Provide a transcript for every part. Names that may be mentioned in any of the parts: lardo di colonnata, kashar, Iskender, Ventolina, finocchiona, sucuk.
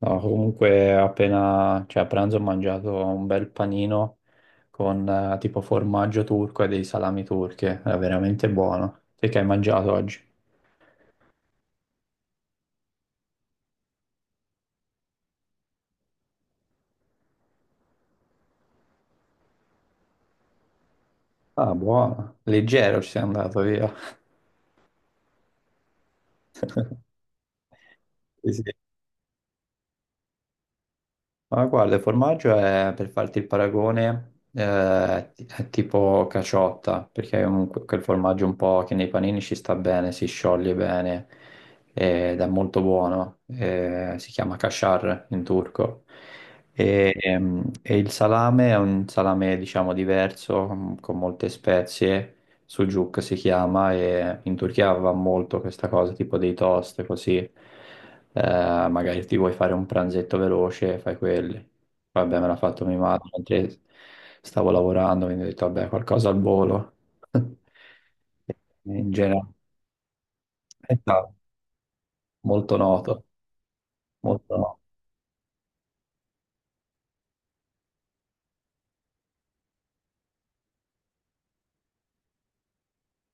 No, comunque appena, cioè a pranzo ho mangiato un bel panino con tipo formaggio turco e dei salami turchi, era veramente buono. Te che hai mangiato oggi? Ah, buono, leggero ci sei andato via. Sì, sì. Ma guarda, il formaggio è, per farti il paragone, è tipo caciotta, perché è un, quel formaggio un po' che nei panini ci sta bene, si scioglie bene ed è molto buono. Si chiama kashar in turco. E il salame è un salame, diciamo, diverso, con molte spezie, sucuk si chiama, e in Turchia va molto questa cosa, tipo dei toast, così. Magari ti vuoi fare un pranzetto veloce, fai quelli. Vabbè, me l'ha fatto mia madre mentre stavo lavorando, quindi ho detto, vabbè, qualcosa al volo. In generale, è stato molto noto, molto noto.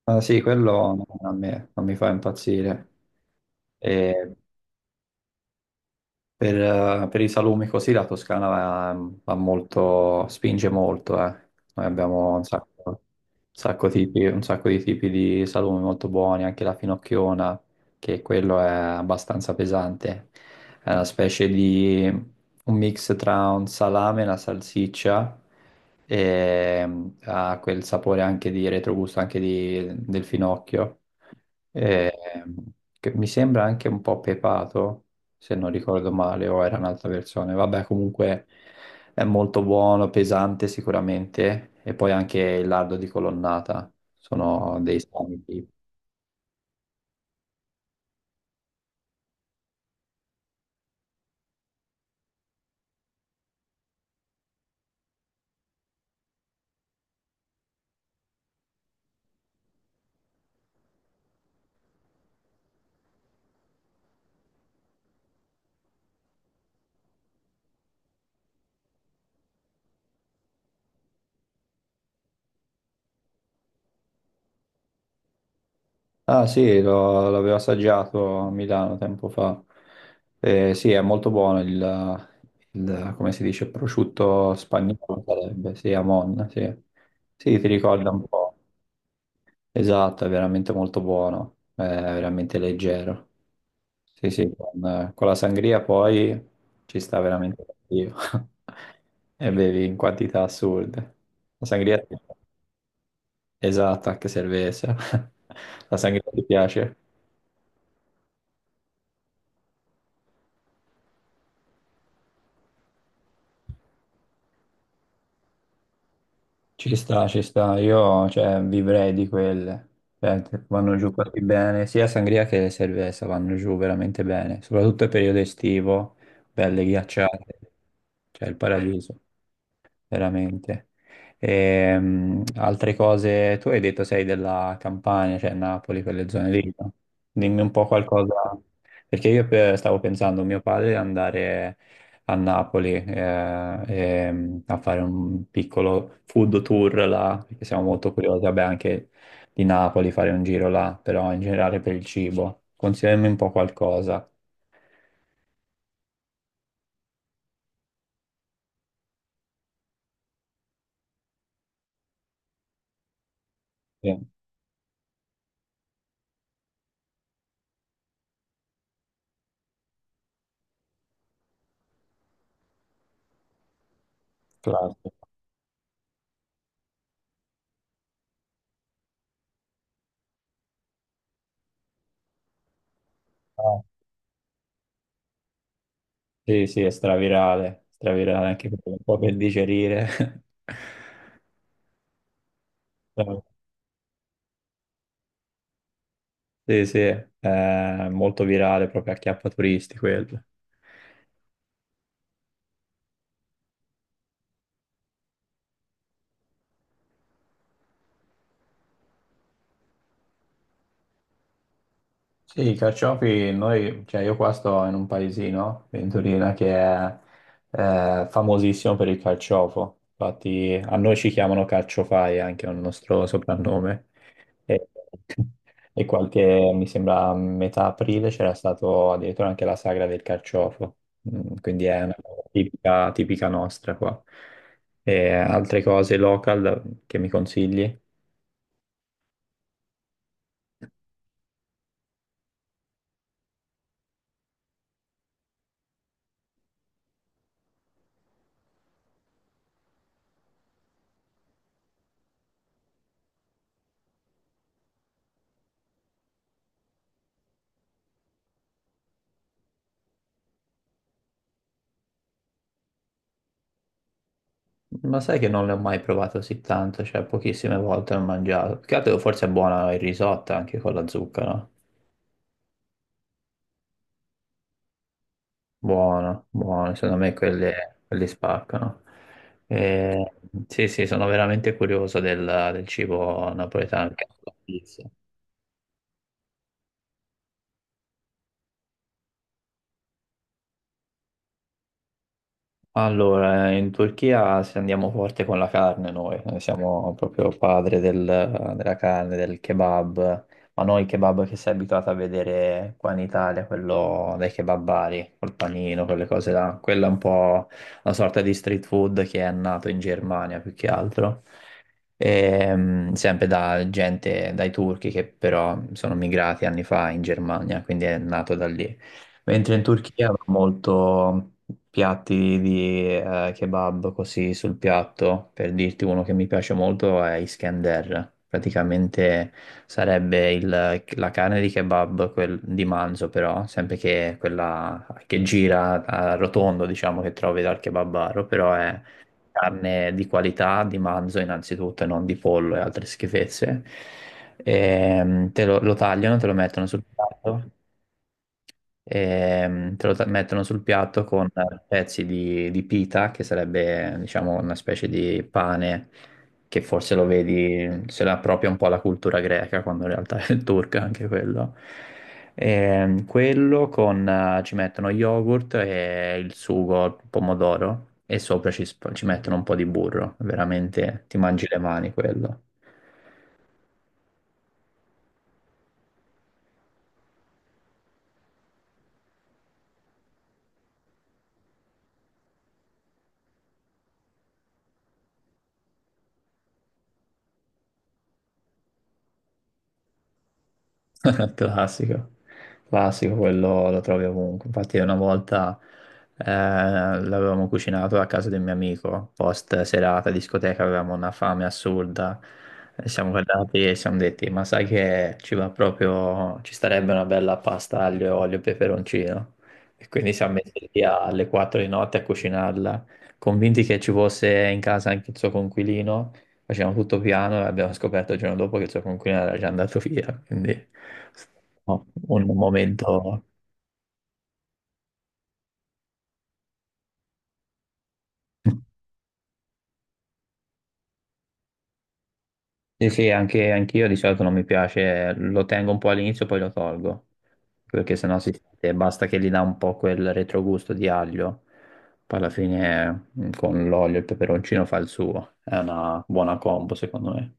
Ah, sì, quello non- a me non mi fa impazzire. E per, per i salumi così la Toscana va, va molto, spinge molto, eh. Noi abbiamo un sacco di tipi di salumi molto buoni, anche la finocchiona, che quello è abbastanza pesante. È una specie di un mix tra un salame e una salsiccia e ha quel sapore anche di retrogusto, anche del finocchio eh, che mi sembra anche un po' pepato, se non ricordo male, o era un'altra versione. Vabbè, comunque è molto buono, pesante sicuramente, e poi anche il lardo di colonnata, sono dei sani tipi. Ah sì, l'avevo assaggiato a Milano tempo fa. Sì, è molto buono come si dice, prosciutto spagnolo sarebbe, sì, Amon, sì. Sì, ti ricorda un po'. Esatto, è veramente molto buono, è veramente leggero. Sì, sì, con la sangria poi ci sta veramente l'addio. E bevi in quantità assurde. La sangria esatta che servesse. La sangria ti piace? Ci sta, ci sta. Io, cioè, vivrei di quelle. Cioè, vanno giù così bene. Sia sangria che le cerveza vanno giù veramente bene. Soprattutto il periodo estivo, belle ghiacciate. Cioè, il paradiso. Veramente. Altre cose, tu hai detto sei della Campania, cioè Napoli, quelle zone lì, no? Dimmi un po' qualcosa, perché io stavo pensando, mio padre, di andare a Napoli a fare un piccolo food tour là, perché siamo molto curiosi, vabbè, anche di Napoli fare un giro là, però in generale per il cibo. Consigliami un po' qualcosa. Sì, classico. Ah. Sì, sì, è stravirale, stravirale anche un po' per digerire. Sì, sì, è molto virale, proprio a chiappa turisti quello. Sì, i carciofi, noi, cioè io qua sto in un paesino, Ventolina, che è famosissimo per il carciofo. Infatti a noi ci chiamano carciofai, anche è un nostro soprannome. E, e qualche, mi sembra, a metà aprile c'era stato addirittura anche la sagra del carciofo. Mm, quindi è una cosa tipica, tipica nostra qua. E altre cose local che mi consigli? Ma sai che non ne ho mai provato così tanto, cioè pochissime volte l'ho mangiato. Più che altro forse è buona il risotto anche con la zucca, no? Buono, buono, secondo me quelli, quelli spaccano. Eh, sì, sì, sono veramente curioso del, del cibo napoletano. Anche la pizza. Allora, in Turchia se andiamo forte con la carne noi, noi siamo proprio padre della carne, del kebab, ma non il kebab che sei abituato a vedere qua in Italia, quello dei kebabari, col panino, quelle cose là, quella è un po' una sorta di street food che è nato in Germania più che altro. Sempre da gente, dai turchi che però sono migrati anni fa in Germania, quindi è nato da lì. Mentre in Turchia va molto piatti di kebab così sul piatto, per dirti uno che mi piace molto è Iskender. Praticamente sarebbe la carne di kebab di manzo, però, sempre che quella che gira a rotondo, diciamo, che trovi dal kebabaro, però è carne di qualità di manzo innanzitutto, e non di pollo e altre schifezze. Lo tagliano, te lo mettono sul piatto. Mettono sul piatto con pezzi di pita, che sarebbe, diciamo, una specie di pane che forse lo vedi, se la appropria un po' alla cultura greca, quando in realtà è turca anche quello. Quello con, ci mettono yogurt e il sugo, il pomodoro, e sopra ci mettono un po' di burro, veramente ti mangi le mani quello. Classico, classico, quello lo trovi ovunque. Infatti, una volta l'avevamo cucinato a casa del mio amico, post serata, discoteca, avevamo una fame assurda. E siamo guardati e ci siamo detti: Ma sai che ci va proprio, ci starebbe una bella pasta aglio e olio e peperoncino. E quindi siamo messi lì alle 4 di notte a cucinarla, convinti che ci fosse in casa anche il suo conquilino. Facevamo tutto piano e abbiamo scoperto il giorno dopo che il suo coinquilino era già andato via, quindi no, un momento... Sì, sì, anche anch'io di solito non mi piace, lo tengo un po' all'inizio poi lo tolgo, perché sennò si sente, basta che gli dà un po' quel retrogusto di aglio, poi alla fine con l'olio e il peperoncino fa il suo, è una buona combo secondo me.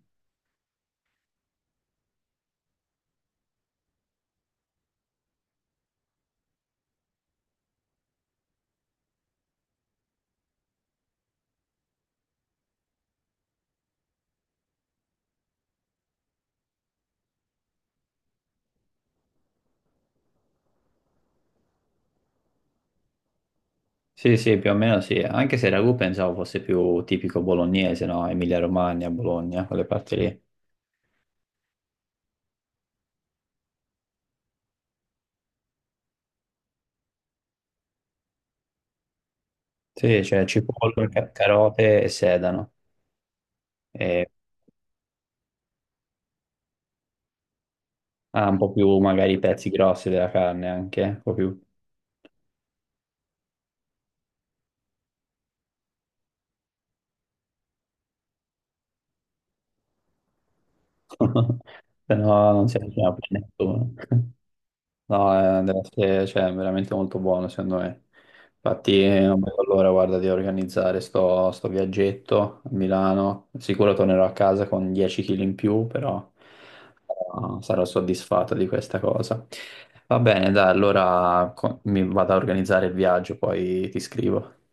Sì, sì, più o meno sì, anche se il ragù pensavo fosse più tipico bolognese, no? Emilia-Romagna, Bologna, quelle parti lì. Sì, c'è cipolla, carote e sedano. E ha un po' più magari i pezzi grossi della carne anche, un po' più. Se no non si avvicina più a nessuno. No, deve essere, cioè, veramente molto buono, secondo me. Infatti, non vedo l'ora, guarda, di organizzare sto viaggetto a Milano. Sicuro tornerò a casa con 10 kg in più, però sarò soddisfatto di questa cosa. Va bene, dai, allora mi vado a organizzare il viaggio, poi ti scrivo.